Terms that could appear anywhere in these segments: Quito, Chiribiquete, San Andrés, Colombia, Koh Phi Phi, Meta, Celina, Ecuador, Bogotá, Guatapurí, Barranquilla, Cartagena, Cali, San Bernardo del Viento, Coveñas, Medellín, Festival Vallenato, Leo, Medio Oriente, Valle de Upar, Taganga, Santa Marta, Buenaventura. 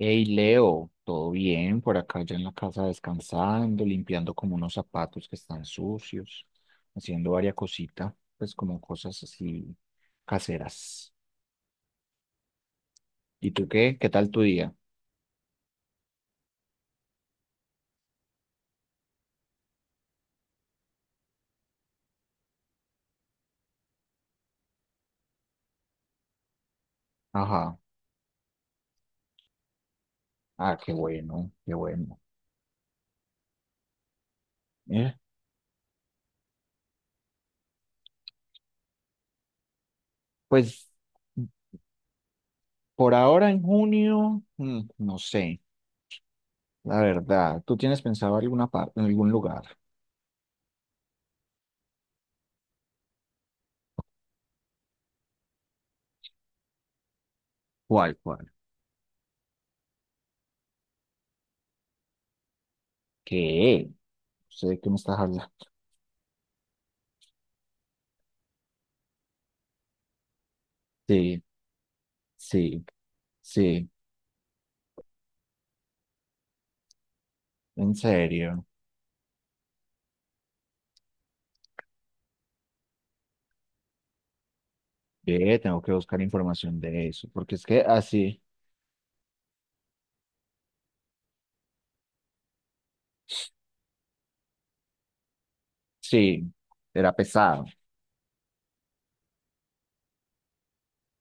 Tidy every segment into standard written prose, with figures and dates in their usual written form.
Hey Leo, ¿todo bien? Por acá ya en la casa descansando, limpiando como unos zapatos que están sucios, haciendo varias cositas, pues como cosas así caseras. ¿Y tú qué? ¿Qué tal tu día? Ajá. Ah, qué bueno, qué bueno. Eh, Pues por ahora en junio, no sé, la verdad. ¿Tú tienes pensado alguna parte, en algún lugar? ¿Cuál, cuál? ¿Qué? No sé de qué me estás hablando. Sí, sí, sí, en serio. Ve, tengo que buscar información de eso, porque es que así, sí, era pesado,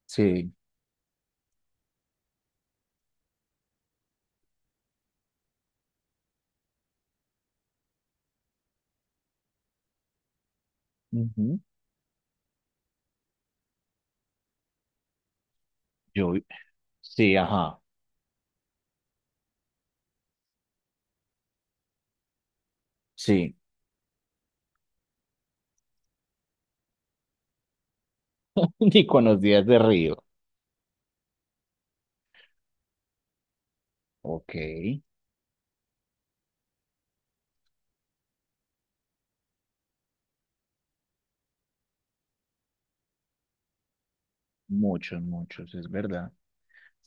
sí. Ujú. Yo, sí, ajá, sí. Ni con los días de río. Ok, muchos, muchos, es verdad.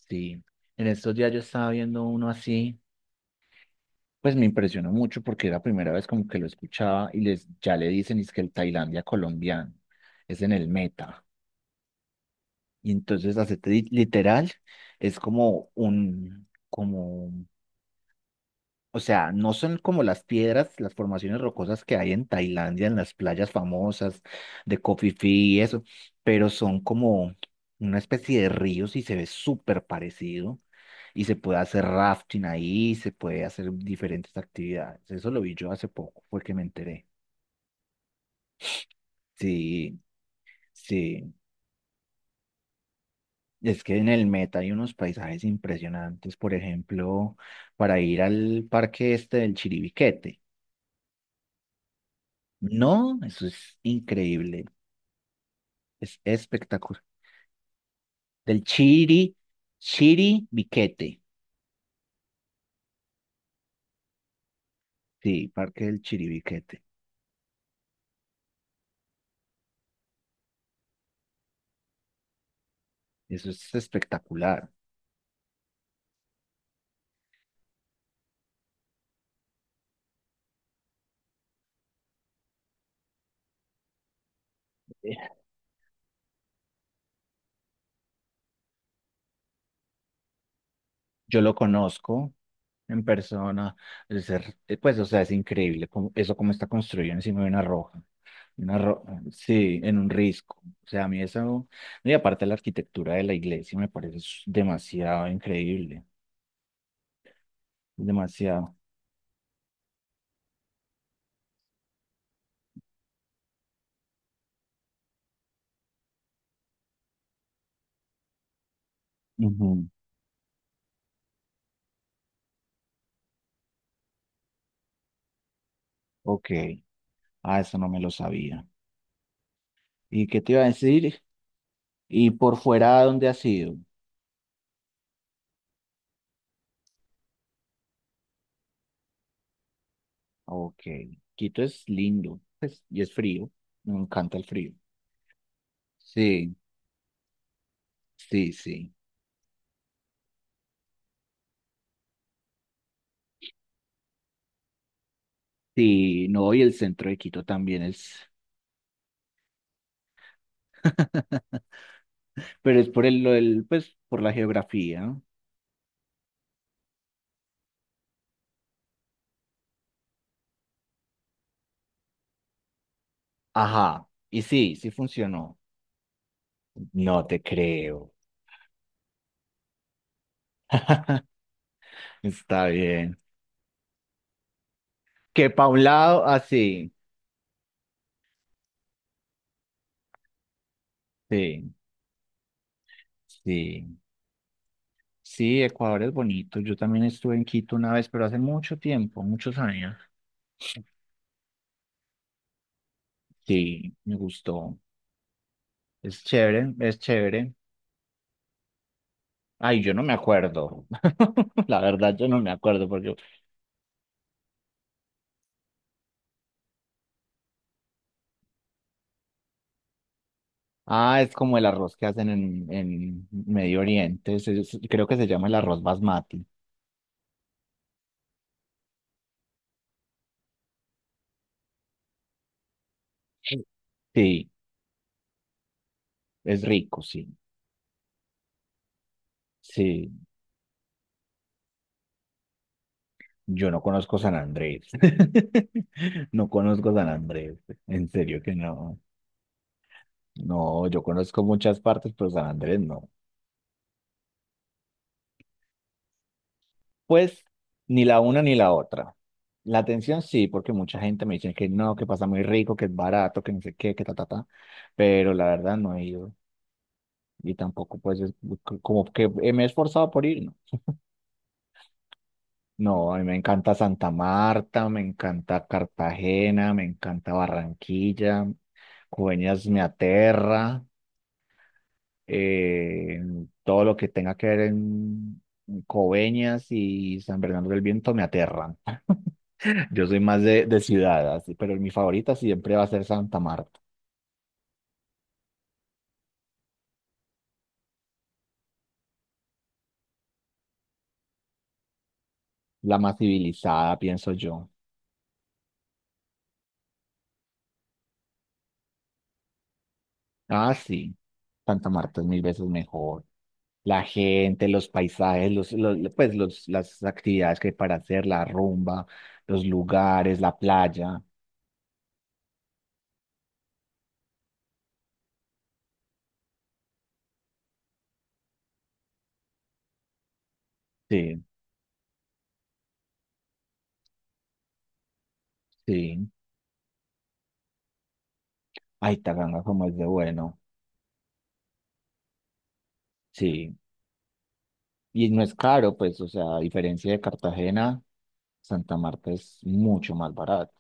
Sí. En estos días yo estaba viendo uno así, pues me impresionó mucho porque era la primera vez como que lo escuchaba y les, ya le dicen, es que el Tailandia colombiano es en el meta. Y entonces, literal, es como un, como o sea, no son como las piedras, las formaciones rocosas que hay en Tailandia, en las playas famosas de Koh Phi Phi y eso, pero son como una especie de ríos y se ve súper parecido. Y se puede hacer rafting ahí, se puede hacer diferentes actividades. Eso lo vi yo hace poco, fue que me enteré. Sí, sí. Es que en el Meta hay unos paisajes impresionantes, por ejemplo, para ir al parque este del Chiribiquete. No, eso es increíble. Es espectacular. Del Chiri, Chiribiquete. Sí, Parque del Chiribiquete. Eso es espectacular. Eh, Yo lo conozco en persona. Pues, o sea, es increíble eso como está construido encima de una roja. Una ro- sí, en un risco. O sea, a mí eso, y aparte la arquitectura de la iglesia me parece demasiado increíble. Demasiado. Ujú. Ok. Ah, eso no me lo sabía. ¿Y qué te iba a decir? Y por fuera, ¿a dónde has ido? Ok, Quito es lindo, pues, y es frío. Me encanta el frío. Sí, sí, sí. Sí, no, y el centro de Quito también es, pero es por el, lo del, pues, por la geografía. Ajá, y sí, sí funcionó. No te creo. Está bien. Que pa' un lado, así. Sí, sí. Sí, Ecuador es bonito. Yo también estuve en Quito una vez, pero hace mucho tiempo, muchos años. Sí, me gustó. Es chévere, es chévere. Ay, yo no me acuerdo. La verdad, yo no me acuerdo porque... Ah, es como el arroz que hacen en Medio Oriente. Creo que se llama el arroz basmati. Sí. Sí, es rico, sí. Sí, yo no conozco San Andrés. No conozco San Andrés. En serio que no. No, yo conozco muchas partes, pero San Andrés no. Pues ni la una ni la otra. La atención sí, porque mucha gente me dice que no, que pasa muy rico, que es barato, que no sé qué, que ta, ta, ta. Pero la verdad no he ido. Y tampoco, pues, es como que me he esforzado por ir, ¿no? No, a mí me encanta Santa Marta, me encanta Cartagena, me encanta Barranquilla, Cueñas me aterra. eh, todo lo que tenga que ver en Coveñas y San Bernardo del Viento me aterran. Yo soy más de ciudad, así, pero mi favorita siempre va a ser Santa Marta, la más civilizada, pienso yo. Ah, sí, Santa Marta es mil veces mejor. La gente, los paisajes, pues los, las actividades que hay para hacer, la rumba, los lugares, la playa. Sí, sí. Ay, Taganga, como es de bueno. Sí. Y no es caro, pues, o sea, a diferencia de Cartagena, Santa Marta es mucho más barato.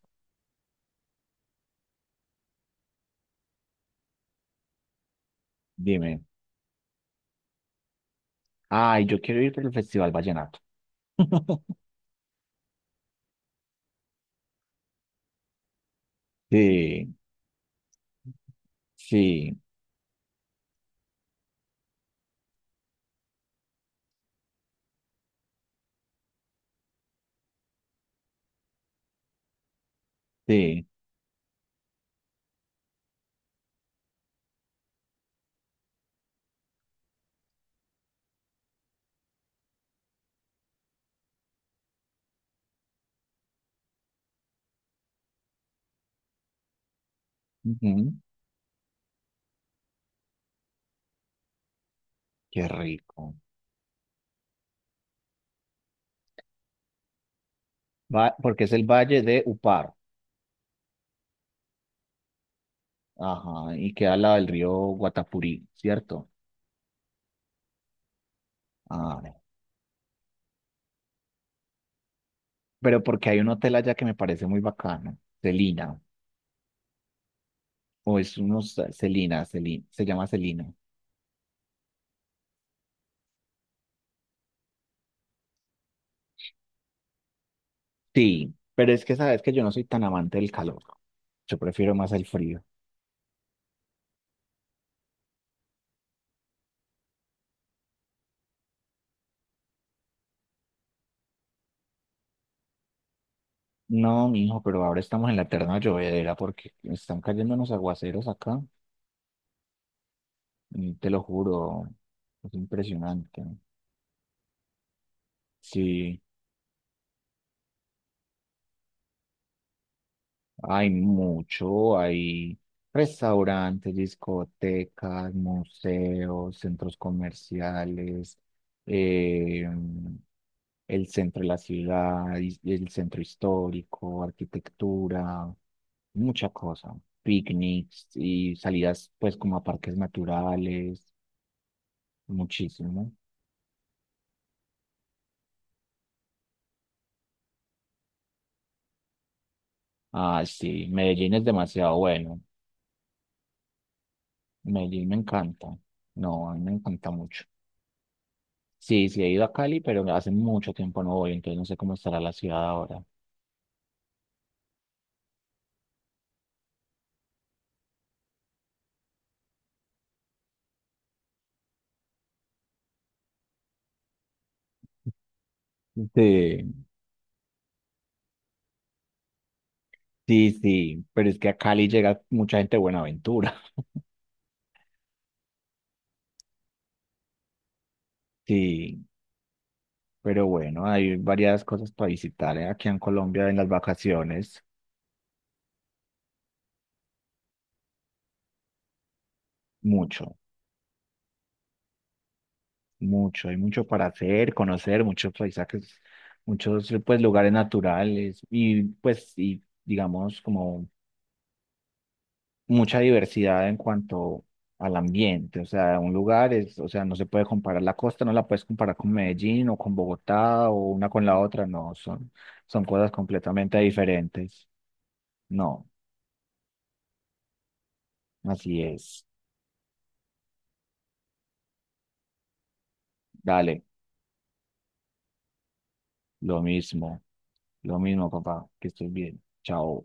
Dime, ay, yo quiero ir por el Festival Vallenato. Sí, sí, sí. Ujú. Qué rico. Va, porque es el Valle de Upar, ajá, y queda al lado del río Guatapurí, ¿cierto? Ah, pero porque hay un hotel allá que me parece muy bacano, Celina, o es unos Celina, Celina, se llama Celina. Sí, pero es que sabes que yo no soy tan amante del calor. Yo prefiero más el frío. No, mijo, pero ahora estamos en la eterna llovedera porque están cayendo unos aguaceros acá. Y te lo juro, es impresionante. Sí, hay mucho, hay restaurantes, discotecas, museos, centros comerciales, eh, el centro de la ciudad, y el centro histórico, arquitectura, mucha cosa, picnics y salidas pues como a parques naturales, muchísimo. Ah, sí, Medellín es demasiado bueno, Medellín me encanta, no, a mí me encanta mucho. Sí, sí, he ido a Cali, pero hace mucho tiempo no voy, entonces no sé cómo estará la ciudad ahora. Sí, sí, sí, pero es que a Cali llega mucha gente de Buenaventura. Sí, pero bueno, hay varias cosas para visitar, ¿eh? Aquí en Colombia en las vacaciones, mucho, mucho, hay mucho para hacer, conocer, muchos paisajes, muchos pues lugares naturales y pues y digamos como mucha diversidad en cuanto al ambiente, o sea, un lugar es, o sea, no se puede comparar la costa, no la puedes comparar con Medellín o con Bogotá o una con la otra, no, son, son cosas completamente diferentes. No, así es. Dale, lo mismo, lo mismo, papá, que estés bien. Chao.